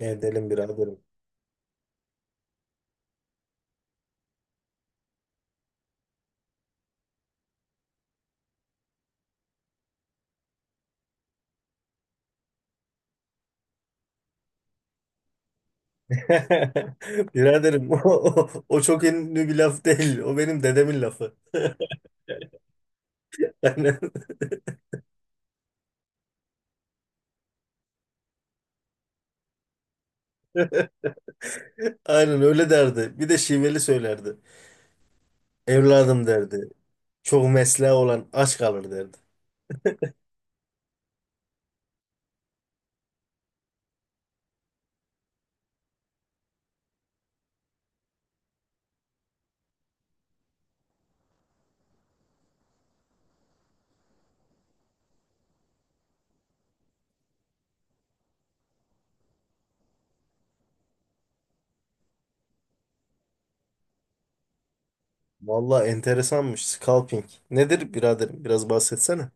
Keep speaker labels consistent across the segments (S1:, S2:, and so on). S1: Edelim biraderim. Biraderim o çok ünlü bir laf değil. O benim dedemin lafı. Aynen. Aynen öyle derdi. Bir de şiveli söylerdi. Evladım derdi. Çok mesleği olan aç kalır derdi. Vallahi enteresanmış. Scalping. Nedir biraderim? Biraz bahsetsene.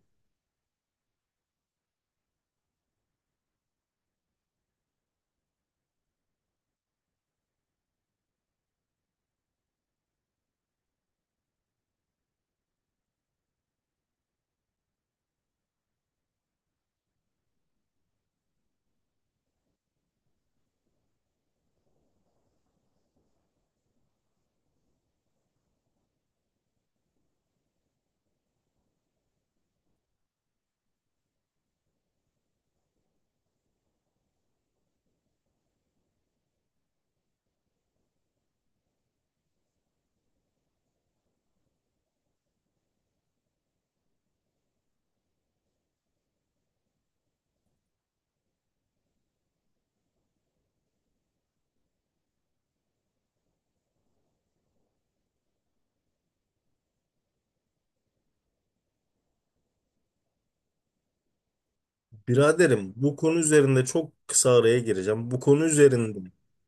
S1: Biraderim, bu konu üzerinde çok kısa araya gireceğim. Bu konu üzerinde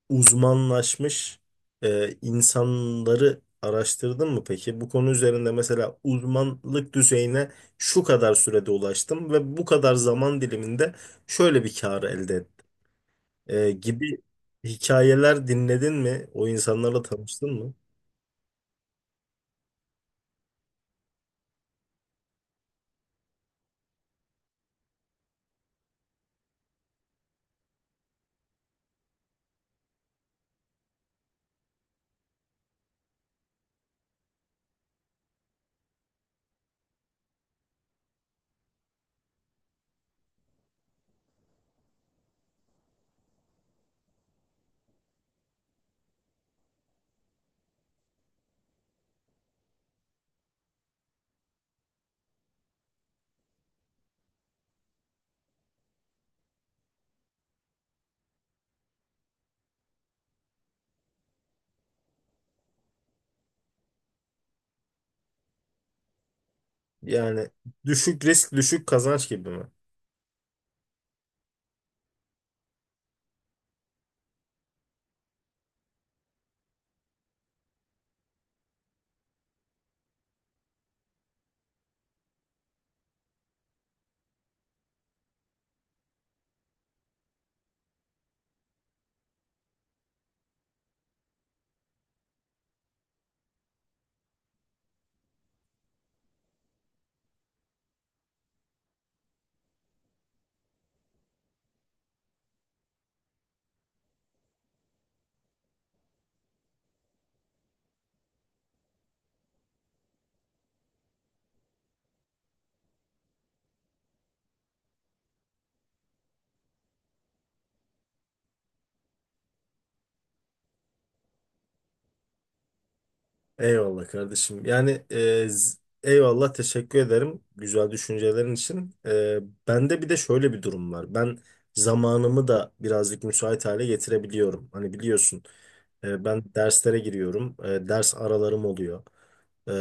S1: uzmanlaşmış insanları araştırdın mı peki? Bu konu üzerinde mesela uzmanlık düzeyine şu kadar sürede ulaştım ve bu kadar zaman diliminde şöyle bir kar elde ettim gibi hikayeler dinledin mi? O insanlarla tanıştın mı? Yani düşük risk düşük kazanç gibi mi? Eyvallah kardeşim. Yani eyvallah, teşekkür ederim güzel düşüncelerin için. Bende bir de şöyle bir durum var. Ben zamanımı da birazcık müsait hale getirebiliyorum. Hani biliyorsun, ben derslere giriyorum. E, ders aralarım oluyor. E,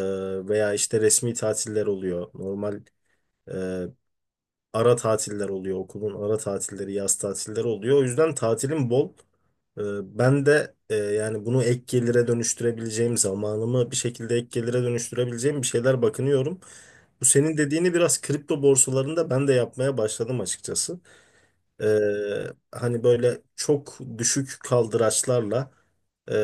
S1: Veya işte resmi tatiller oluyor. Normal, e, ara tatiller oluyor, okulun ara tatilleri, yaz tatilleri oluyor. O yüzden tatilim bol. Ee, Ben de yani bunu ek gelire dönüştürebileceğim, zamanımı bir şekilde ek gelire dönüştürebileceğim bir şeyler bakınıyorum. Bu senin dediğini, biraz kripto borsalarında ben de yapmaya başladım açıkçası. Ee, Hani böyle çok düşük kaldıraçlarla, e,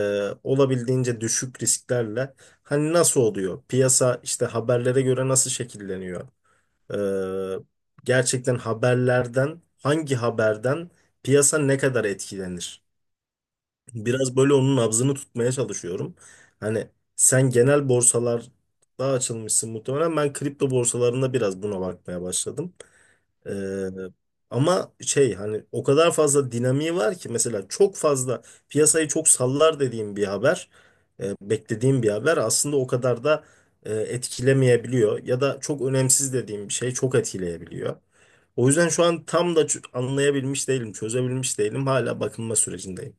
S1: olabildiğince düşük risklerle hani nasıl oluyor? Piyasa işte haberlere göre nasıl şekilleniyor? Ee, Gerçekten haberlerden, hangi haberden piyasa ne kadar etkilenir? Biraz böyle onun nabzını tutmaya çalışıyorum. Hani sen genel borsalarda açılmışsın muhtemelen. Ben kripto borsalarında biraz buna bakmaya başladım. Ee, Ama şey, hani o kadar fazla dinamiği var ki, mesela çok fazla piyasayı çok sallar dediğim bir haber, beklediğim bir haber aslında o kadar da etkilemeyebiliyor ya da çok önemsiz dediğim bir şey çok etkileyebiliyor. O yüzden şu an tam da anlayabilmiş değilim, çözebilmiş değilim. Hala bakınma sürecindeyim.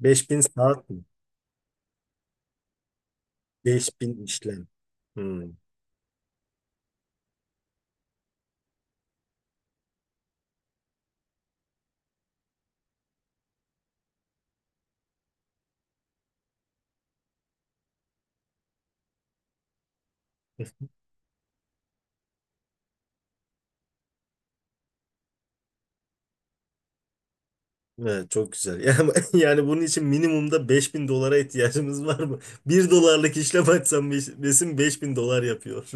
S1: 5000 saat mi? 5000 işlem. Hmm. Evet, çok güzel. Yani, yani bunun için minimumda 5000 dolara ihtiyacımız var mı? Bir dolarlık işlem açsam beş- besin 5000 dolar yapıyor.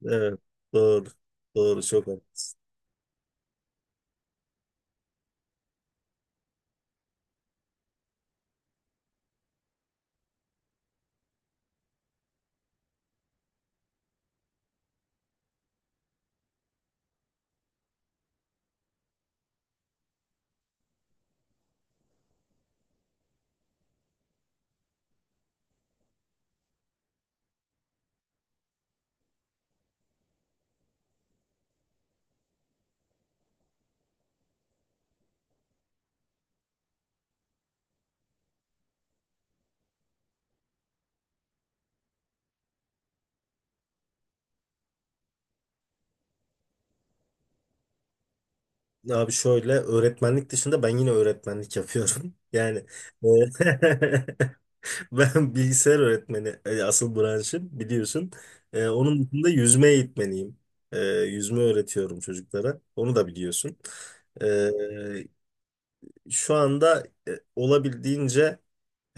S1: Evet, doğru. Doğru, çok haklısın. Abi şöyle, öğretmenlik dışında ben yine öğretmenlik yapıyorum. Yani, e, ben bilgisayar öğretmeni, asıl branşım, biliyorsun. E, onun dışında yüzme eğitmeniyim. E, yüzme öğretiyorum çocuklara. Onu da biliyorsun. E, Şu anda olabildiğince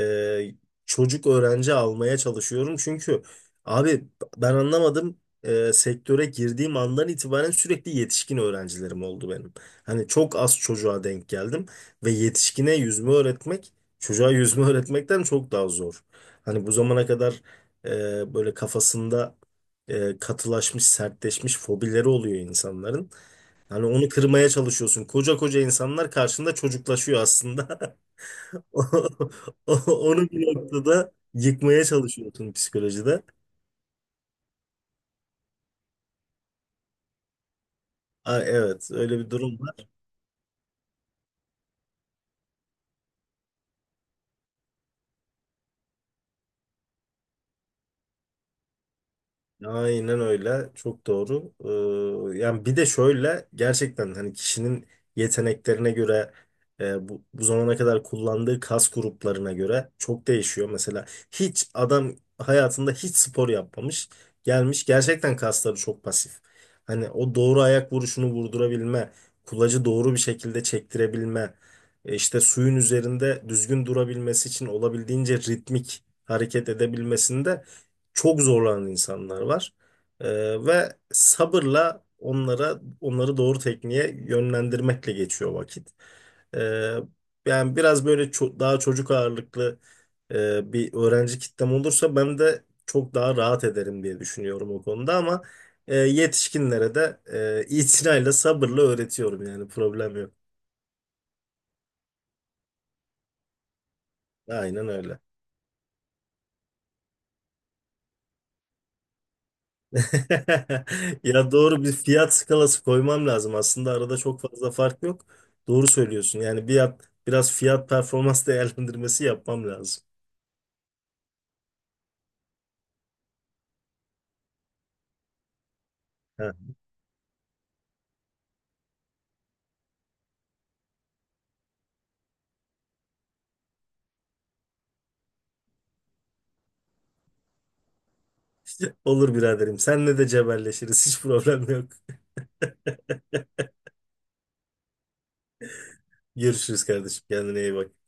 S1: e, çocuk öğrenci almaya çalışıyorum. Çünkü abi, ben anlamadım, sektöre girdiğim andan itibaren sürekli yetişkin öğrencilerim oldu benim. Hani çok az çocuğa denk geldim ve yetişkine yüzme öğretmek, çocuğa yüzme öğretmekten çok daha zor. Hani bu zamana kadar böyle kafasında katılaşmış, sertleşmiş fobileri oluyor insanların. Hani onu kırmaya çalışıyorsun. Koca koca insanlar karşında çocuklaşıyor aslında. Onu bir noktada yıkmaya çalışıyorsun, psikolojide. Aa, evet öyle bir durum. Aynen öyle. Çok doğru. Yani bir de şöyle, gerçekten hani kişinin yeteneklerine göre, bu zamana kadar kullandığı kas gruplarına göre çok değişiyor. Mesela hiç adam hayatında hiç spor yapmamış, gelmiş, gerçekten kasları çok pasif. Hani o doğru ayak vuruşunu vurdurabilme, kulacı doğru bir şekilde çektirebilme, işte suyun üzerinde düzgün durabilmesi için olabildiğince ritmik hareket edebilmesinde çok zorlanan insanlar var. Ve sabırla onları doğru tekniğe yönlendirmekle geçiyor vakit. Ee, Yani biraz böyle, daha çocuk ağırlıklı bir öğrenci kitlem olursa ben de çok daha rahat ederim diye düşünüyorum o konuda, ama yetişkinlere de itinayla, sabırla öğretiyorum, yani problem yok. Aynen öyle. Ya, doğru bir fiyat skalası koymam lazım. Aslında arada çok fazla fark yok. Doğru söylüyorsun. Yani biraz fiyat performans değerlendirmesi yapmam lazım. Ha. Olur biraderim. Seninle de cebelleşiriz. Hiç problem yok. Görüşürüz kardeşim. Kendine iyi bak.